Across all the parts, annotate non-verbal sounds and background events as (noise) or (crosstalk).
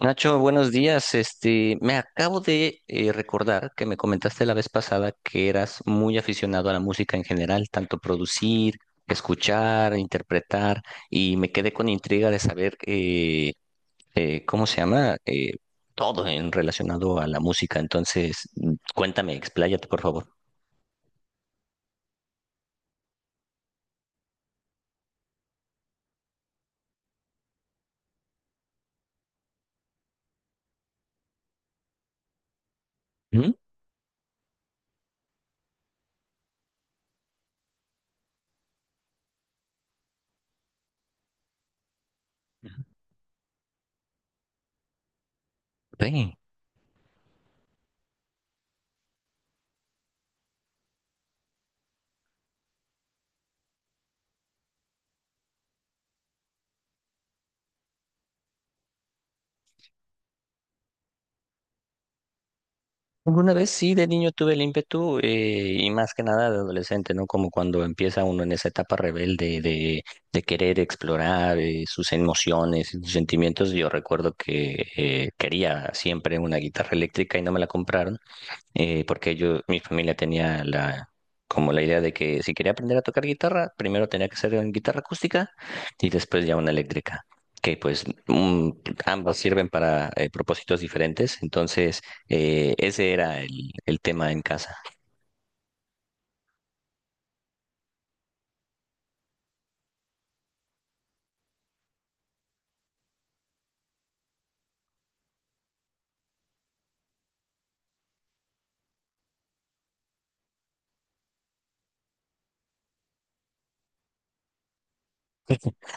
Nacho, buenos días. Me acabo de recordar que me comentaste la vez pasada que eras muy aficionado a la música en general, tanto producir, escuchar, interpretar, y me quedé con intriga de saber cómo se llama todo en relacionado a la música. Entonces, cuéntame, expláyate, por favor. ¿Mm? Ujú. Ok. Alguna vez sí, de niño tuve el ímpetu y más que nada de adolescente, ¿no? Como cuando empieza uno en esa etapa rebelde de querer explorar sus emociones y sus sentimientos. Yo recuerdo que quería siempre una guitarra eléctrica y no me la compraron porque yo, mi familia tenía la, como la idea de que si quería aprender a tocar guitarra, primero tenía que ser en guitarra acústica y después ya una eléctrica, que pues ambas sirven para propósitos diferentes, entonces ese era el tema en casa,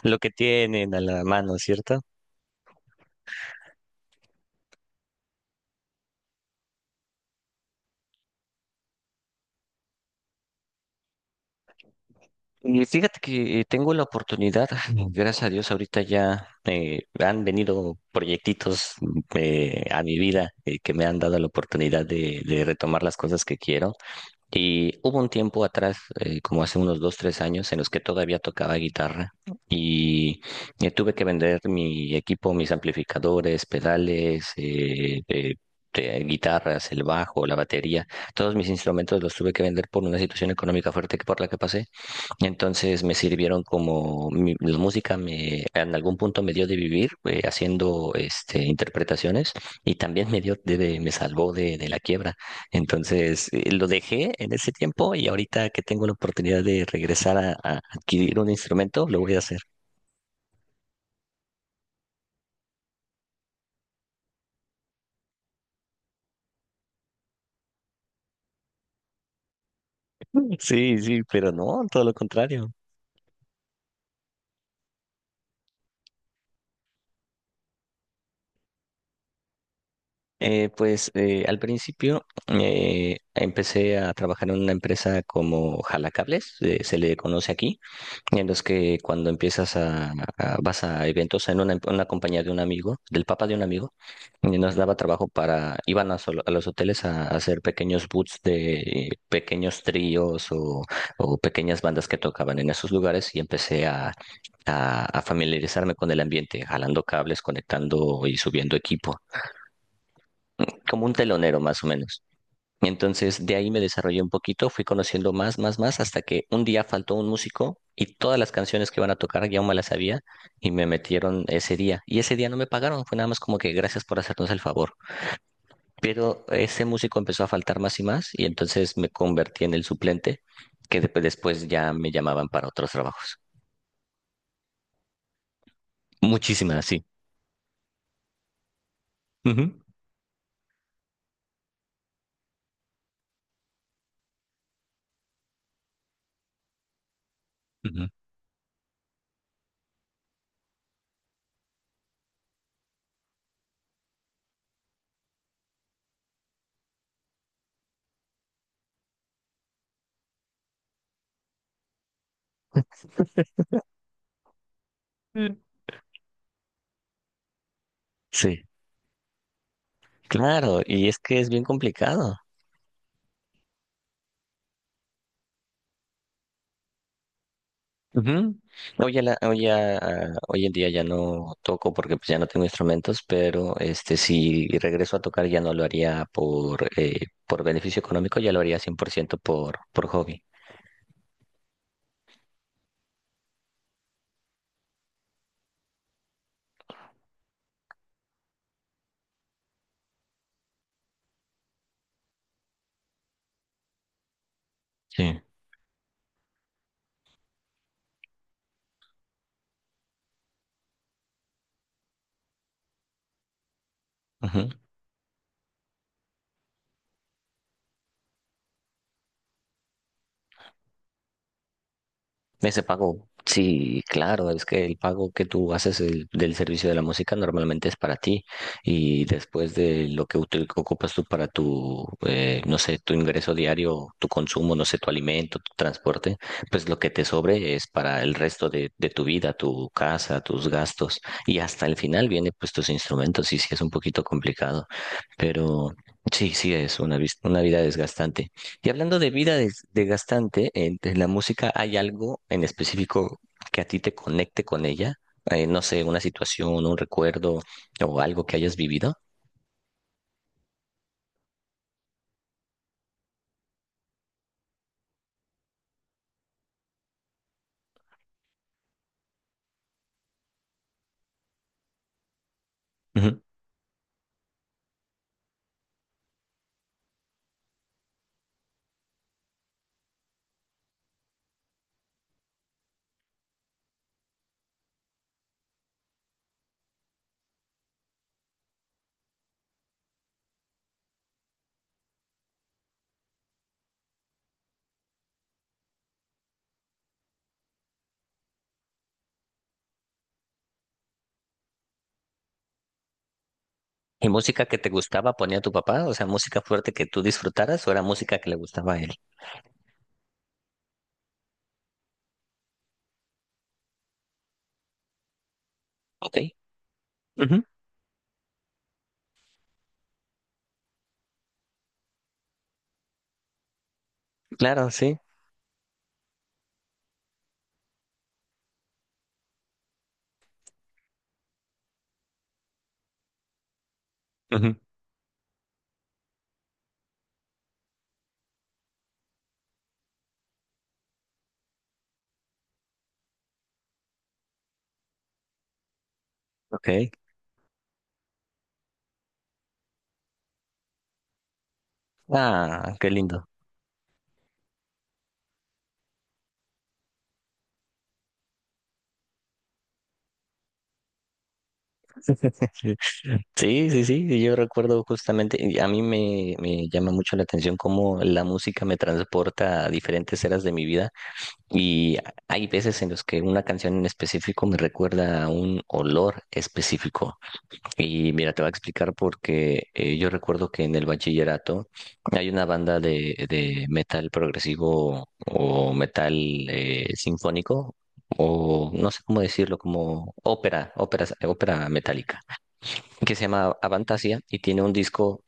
lo que tienen a la mano, ¿cierto? Y fíjate que tengo la oportunidad, (laughs) gracias a Dios, ahorita ya han venido proyectitos a mi vida que me han dado la oportunidad de retomar las cosas que quiero. Y hubo un tiempo atrás, como hace unos dos, tres años, en los que todavía tocaba guitarra y tuve que vender mi equipo, mis amplificadores, pedales, guitarras, el bajo, la batería, todos mis instrumentos los tuve que vender por una situación económica fuerte que por la que pasé. Entonces me sirvieron como la música me en algún punto me dio de vivir haciendo interpretaciones y también me dio de, me salvó de la quiebra. Entonces lo dejé en ese tiempo y ahorita que tengo la oportunidad de regresar a adquirir un instrumento, lo voy a hacer. (laughs) Sí, sí, pero no, todo lo contrario. Pues al principio empecé a trabajar en una empresa como jalacables, se le conoce aquí. En los que cuando empiezas a, vas a eventos en una compañía de un amigo, del papá de un amigo, y nos daba trabajo para, iban a, a los hoteles a hacer pequeños boots de pequeños tríos o pequeñas bandas que tocaban en esos lugares y empecé a familiarizarme con el ambiente, jalando cables, conectando y subiendo equipo, como un telonero más o menos. Entonces, de ahí me desarrollé un poquito, fui conociendo más, más, más, hasta que un día faltó un músico y todas las canciones que iban a tocar ya me las sabía y me metieron ese día. Y ese día no me pagaron, fue nada más como que gracias por hacernos el favor. Pero ese músico empezó a faltar más y más y entonces me convertí en el suplente, que después ya me llamaban para otros trabajos. Muchísimas, sí. Ujú, ujú. Mm. Sí, claro, y es que es bien complicado. Ujú. Hoy, a la- hoy, a- hoy en día ya no toco porque pues ya no tengo instrumentos, pero si regreso a tocar ya no lo haría por beneficio económico, ya lo haría 100% por, ciento por hobby. Sí. Ujú. Ese pago, sí, claro, es que el pago que tú haces del servicio de la música normalmente es para ti y después de lo que ocupas tú para tu, no sé, tu ingreso diario, tu consumo, no sé, tu alimento, tu transporte, pues lo que te sobre es para el resto de tu vida, tu casa, tus gastos y hasta el final viene pues tus instrumentos y sí es un poquito complicado, pero sí, sí es una, una vida desgastante. Y hablando de vida desgastante, entre la música hay algo en específico que a ti te conecte con ella? No sé, una situación, un recuerdo o algo que hayas vivido. Ujú. ¿Y música que te gustaba ponía tu papá? O sea, música fuerte que tú disfrutaras o era música que le gustaba a él. Ok. Ujú. Claro, sí. Ujú. Ok. Ah, qué lindo. (laughs) Sí, sí, sí, y yo recuerdo justamente, y a mí me, me llama mucho la atención cómo la música me transporta a diferentes eras de mi vida y hay veces en los que una canción en específico me recuerda a un olor específico. Y mira, te voy a explicar porque yo recuerdo que en el bachillerato hay una banda de metal progresivo o metal sinfónico. O no sé cómo decirlo, como ópera metálica que se llama Avantasia y tiene un disco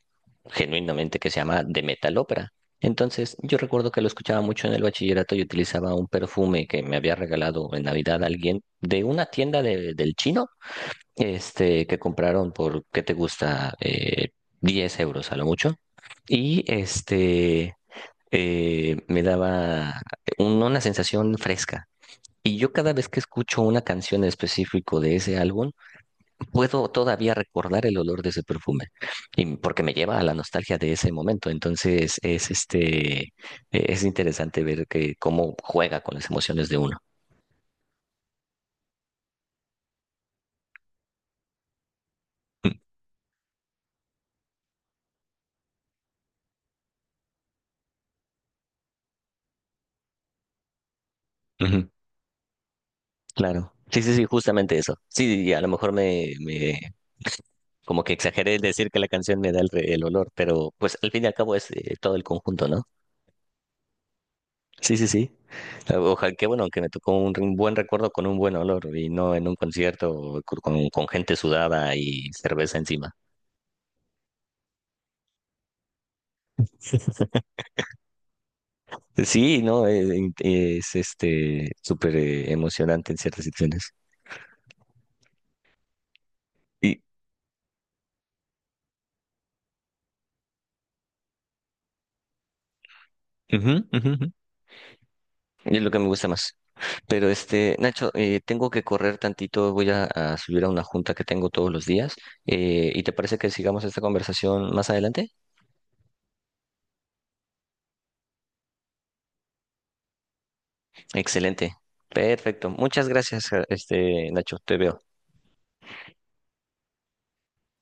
genuinamente que se llama The Metal Opera. Entonces, yo recuerdo que lo escuchaba mucho en el bachillerato y utilizaba un perfume que me había regalado en Navidad alguien de una tienda del chino, que compraron por, ¿qué te gusta? 10 euros a lo mucho. Y este, Me daba una sensación fresca. Y yo cada vez que escucho una canción en específico de ese álbum, puedo todavía recordar el olor de ese perfume, y porque me lleva a la nostalgia de ese momento. Entonces es interesante ver que cómo juega con las emociones de uno. Mm, ujú, claro. Sí, sí, sí, justamente eso. Sí, y a lo mejor me, me como que exageré el decir que la canción me da el, el olor, pero pues al fin y al cabo es todo el conjunto, ¿no? Sí, sí, sí. Ojalá que bueno, que me tocó un buen recuerdo con un buen olor y no en un concierto con gente sudada y cerveza encima. (laughs) Sí, no, es súper emocionante en ciertas situaciones. Y, ujú, ujú, ujú. Y es lo que me gusta más. Pero Nacho, tengo que correr tantito, voy a subir a una junta que tengo todos los días. ¿Y te parece que sigamos esta conversación más adelante? Excelente. Perfecto. Muchas gracias, ja, Nacho. Te veo.